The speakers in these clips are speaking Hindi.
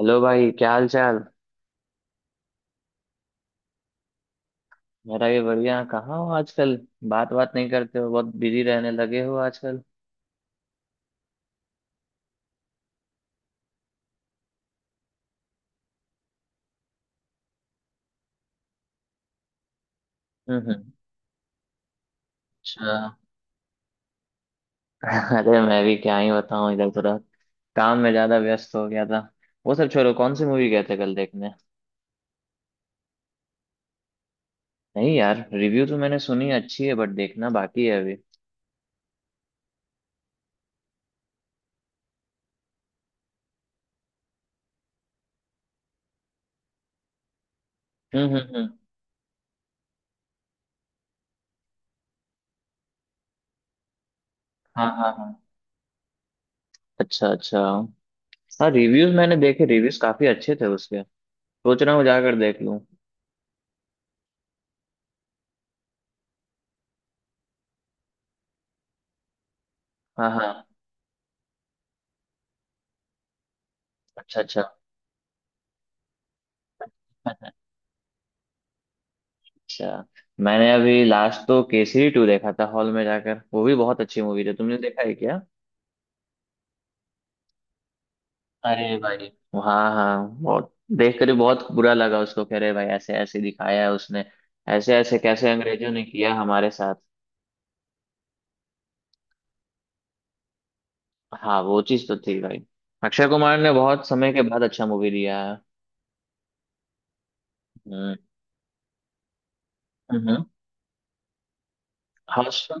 हेलो भाई क्या हाल चाल। मेरा ये बढ़िया। कहाँ हो आजकल। बात बात नहीं करते हो, बहुत बिजी रहने लगे हो आजकल। हम्म। अच्छा। अरे मैं भी क्या ही बताऊँ, इधर थोड़ा काम में ज्यादा व्यस्त हो गया था। वो सब छोड़ो, कौन सी मूवी गए थे कल देखने। नहीं यार, रिव्यू तो मैंने सुनी है, अच्छी है बट देखना बाकी है अभी। हम्म। हाँ हाँ हाँ। अच्छा अच्छा। हाँ, रिव्यूज मैंने देखे। रिव्यूज काफी अच्छे थे उसके। सोच रहा हूँ जाकर देख लूँ। हाँ हाँ। अच्छा अच्छा। अच्छा। मैंने अभी लास्ट तो केसरी टू देखा था हॉल में जाकर। वो भी बहुत अच्छी मूवी थी, तुमने देखा है क्या? अरे भाई। हाँ हाँ, बहुत देख कर ही बहुत बुरा लगा। उसको कह रहे भाई, ऐसे ऐसे दिखाया है उसने। ऐसे ऐसे कैसे अंग्रेजों ने किया हमारे साथ। हाँ वो चीज तो थी भाई। अक्षय कुमार ने बहुत समय के बाद अच्छा मूवी दिया है। हम्म हम्म। हाँ उसका-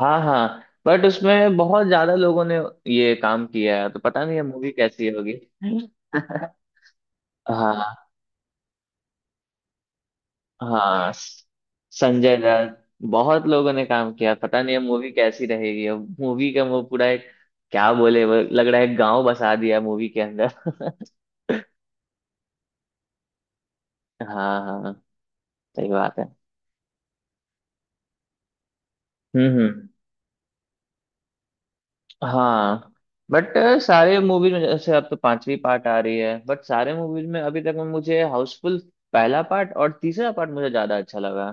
हाँ हाँ, बट उसमें बहुत ज्यादा लोगों ने ये काम किया है तो पता नहीं है मूवी कैसी होगी। हाँ हाँ। संजय दत्त। बहुत लोगों ने काम किया, पता नहीं अब मूवी कैसी रहेगी। अब मूवी का वो पूरा एक क्या बोले, वो लग रहा है गांव बसा दिया मूवी के अंदर। हाँ हाँ। सही बात है। हम्म। हाँ। बट सारे मूवीज में जैसे, अब तो पांचवी पार्ट आ रही है, बट सारे मूवीज में अभी तक में मुझे हाउसफुल पहला पार्ट और तीसरा पार्ट मुझे ज्यादा अच्छा लगा।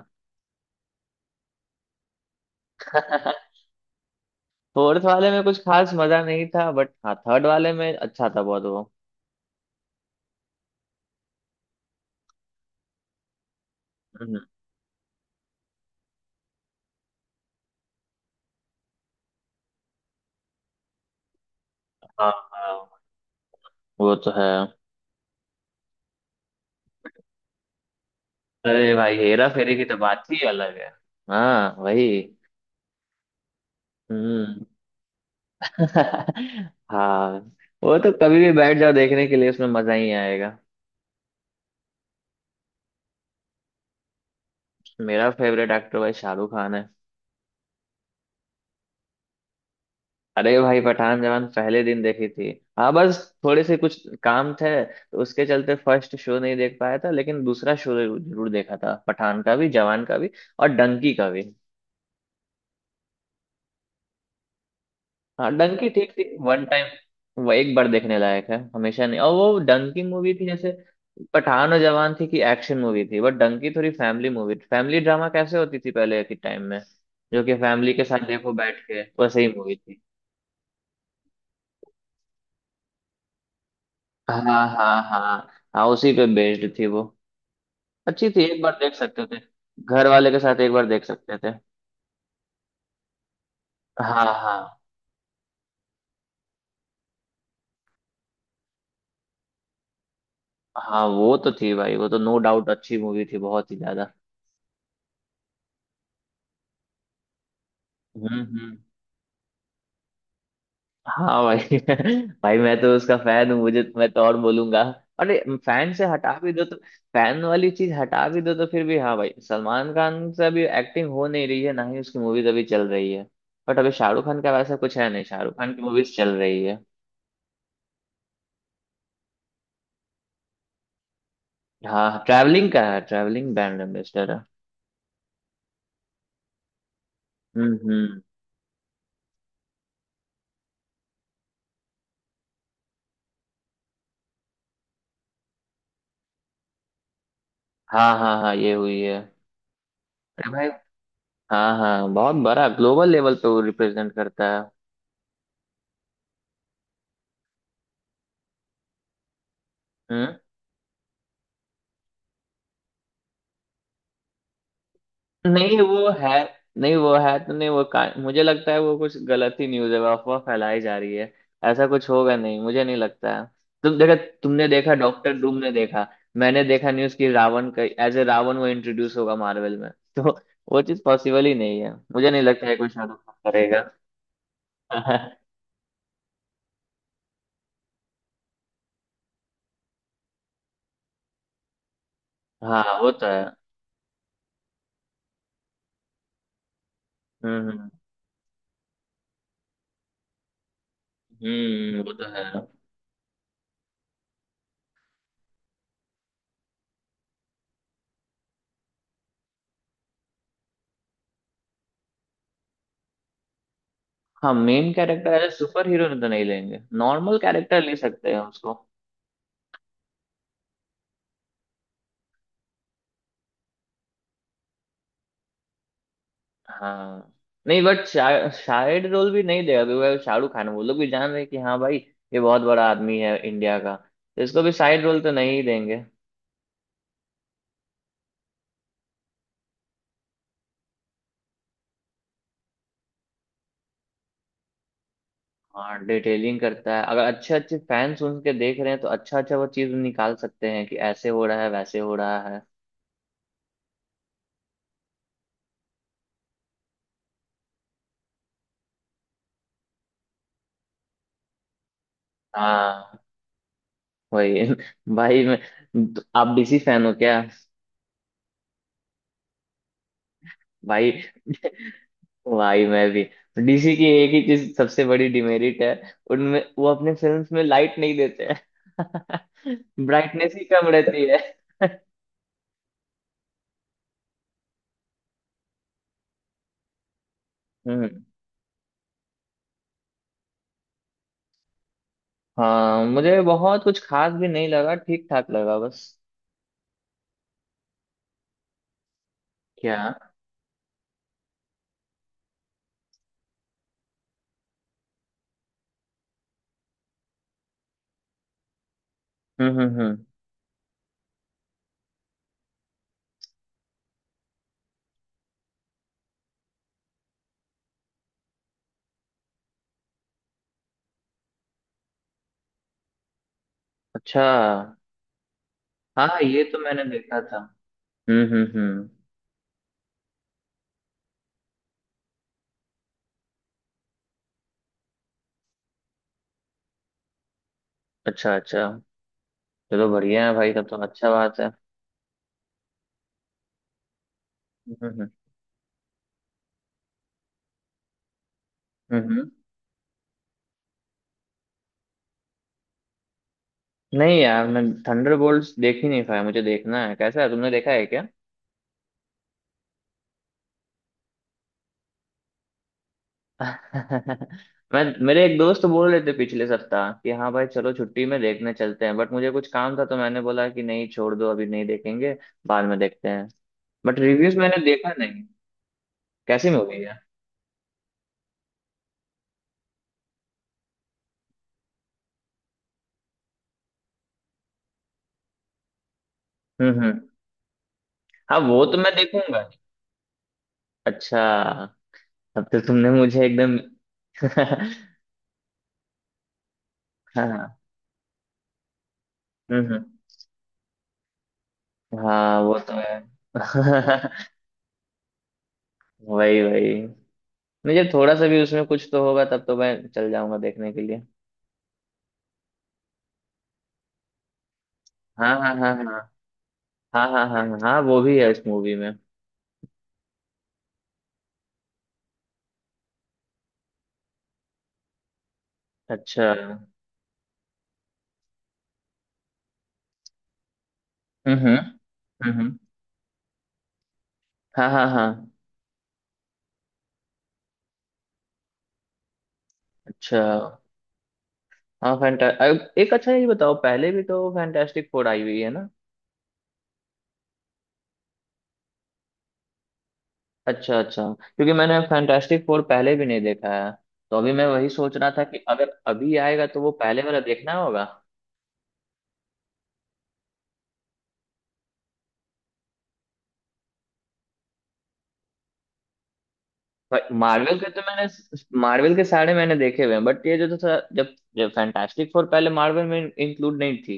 फोर्थ वाले में कुछ खास मजा नहीं था, बट हाँ थर्ड वाले में अच्छा था बहुत वो। हम्म। हाँ हाँ, वो तो है। अरे भाई, हेरा फेरी की तो बात ही अलग है। हाँ वही। हम्म। हाँ, वो तो कभी भी बैठ जाओ देखने के लिए, उसमें मजा ही आएगा। मेरा फेवरेट एक्टर भाई शाहरुख खान है। अरे भाई, पठान जवान पहले दिन देखी थी। हाँ बस। थोड़े से कुछ काम थे तो उसके चलते फर्स्ट शो नहीं देख पाया था, लेकिन दूसरा शो जरूर देखा था, पठान का भी जवान का भी। और डंकी का भी। हाँ, डंकी ठीक थी वन टाइम। वो एक बार देखने लायक है, हमेशा नहीं। और वो डंकी मूवी थी, जैसे पठान और जवान थी कि एक्शन मूवी थी, बट डंकी थोड़ी फैमिली मूवी, फैमिली ड्रामा कैसे होती थी पहले के टाइम में। जो कि फैमिली के साथ देखो बैठ के, वैसे ही मूवी थी। हाँ हाँ हाँ। हाँ उसी पे बेस्ड थी वो। अच्छी थी, एक बार देख सकते थे। घर वाले के साथ एक बार देख सकते थे। हाँ हाँ। हाँ वो तो थी भाई, वो तो नो डाउट अच्छी मूवी थी बहुत ही ज्यादा। हम्म। हाँ भाई। भाई मैं तो उसका फैन हूँ। मुझे मैं तो और बोलूंगा। अरे। फैन से हटा भी दो तो फैन वाली चीज हटा भी दो तो फिर भी, हाँ भाई, सलमान खान से अभी एक्टिंग हो नहीं रही है, ना ही उसकी मूवीज अभी चल रही है। बट अभी शाहरुख खान का वैसा कुछ है नहीं, शाहरुख खान की मूवीज चल रही है। हाँ, ट्रैवलिंग का है, ट्रैवलिंग ब्रांड एम्बेसडर है। हम्म। हाँ हाँ हाँ, ये हुई है। अरे भाई। हाँ हाँ, बहुत बड़ा ग्लोबल लेवल पे वो रिप्रेजेंट करता है। हम्म। नहीं वो है। नहीं वो है तो नहीं। मुझे लगता है वो कुछ गलत ही न्यूज़ है, वो अफवाह फैलाई जा रही है। ऐसा कुछ होगा नहीं, मुझे नहीं लगता है। तुम देखा तुमने देखा, डॉक्टर डूम ने देखा? मैंने देखा न्यूज़ कि रावण का एज ए रावण वो इंट्रोड्यूस होगा मार्वल में। तो वो चीज़ पॉसिबल ही नहीं है, मुझे नहीं लगता है कोई शाहरुख खान करेगा। हाँ वो तो है। हम्म हम्म वो तो है। हाँ, main character as super hero तो नहीं लेंगे, नॉर्मल कैरेक्टर ले सकते हैं उसको। हाँ, नहीं बट शायद रोल भी नहीं देगा, क्योंकि अगर शाहरुख खान है, वो लोग भी जान रहे हैं कि हाँ भाई, ये बहुत बड़ा आदमी है इंडिया का, तो इसको भी साइड रोल तो नहीं ही देंगे। हाँ, डिटेलिंग करता है। अगर अच्छे अच्छे फैंस सुन के देख रहे हैं तो अच्छा अच्छा वो चीज निकाल सकते हैं कि ऐसे हो रहा है वैसे हो रहा है। हाँ वही। भाई मैं तो आप डीसी फैन हो क्या? भाई भाई मैं भी। डीसी की एक ही चीज सबसे बड़ी डिमेरिट है उनमें, वो अपने फिल्म्स में लाइट नहीं देते हैं। ब्राइटनेस ही कम रहती है। हम्म। हाँ, मुझे बहुत कुछ खास भी नहीं लगा, ठीक ठाक लगा बस। क्या? हम्म। अच्छा। हाँ ये तो मैंने देखा था। हम्म। अच्छा अच्छा। चलो बढ़िया है भाई, तब तो अच्छा बात है। हम्म हम्म हम्म हम्म। नहीं यार, मैं थंडरबोल्ट्स देख ही नहीं पाया। मुझे देखना है कैसा है। तुमने देखा है क्या? मैं मेरे एक दोस्त बोल रहे थे पिछले सप्ताह कि हाँ भाई चलो छुट्टी में देखने चलते हैं, बट मुझे कुछ काम था तो मैंने बोला कि नहीं छोड़ दो, अभी नहीं देखेंगे। बाद में देखते हैं। बट रिव्यूज मैंने देखा नहीं। कैसी मूवी है? हम्म। हाँ वो तो मैं देखूंगा। अच्छा। तब तो तुमने मुझे एकदम। हाँ। हम्म। हाँ वो तो है। वही वही। मुझे थोड़ा सा भी उसमें कुछ तो होगा तब तो मैं चल जाऊंगा देखने के लिए। हाँ हाँ हाँ हाँ। हाँ हाँ हाँ हाँ हाँ, वो भी है इस मूवी में। अच्छा। हम्म हम्म, हाँ हाँ हाँ। अच्छा। हाँ फैंटा एक अच्छा ये बताओ, पहले भी तो फैंटास्टिक फोर आई हुई है ना? अच्छा अच्छा, क्योंकि मैंने फैंटास्टिक फोर पहले भी नहीं देखा है। तो अभी मैं वही सोच रहा था कि अगर अभी आएगा तो वो पहले वाला देखना होगा। मार्वल के तो मैंने मार्वल के सारे मैंने देखे हुए हैं, बट ये जो था, जब जब फैंटास्टिक फोर पहले मार्वल में इंक्लूड नहीं थी।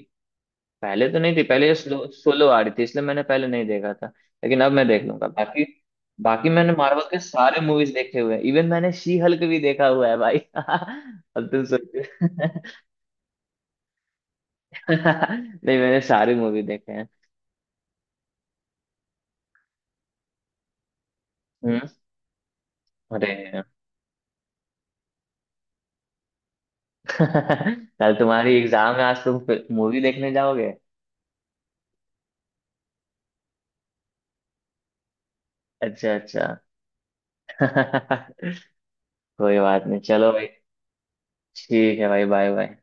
पहले तो नहीं थी, पहले ये स्लो सोलो आ रही थी, इसलिए मैंने पहले नहीं देखा था। लेकिन अब मैं देख लूंगा बाकी। बाकी मैंने मार्वल के सारे मूवीज देखे हुए हैं, इवन मैंने शी हल्क भी देखा हुआ है भाई। अब तुम सोचो। नहीं, मैंने सारी मूवी देखे हैं। हम्म। अरे कल तुम्हारी एग्जाम है, आज तुम मूवी देखने जाओगे? अच्छा अच्छा। कोई बात नहीं, चलो भाई। ठीक है भाई, बाय बाय।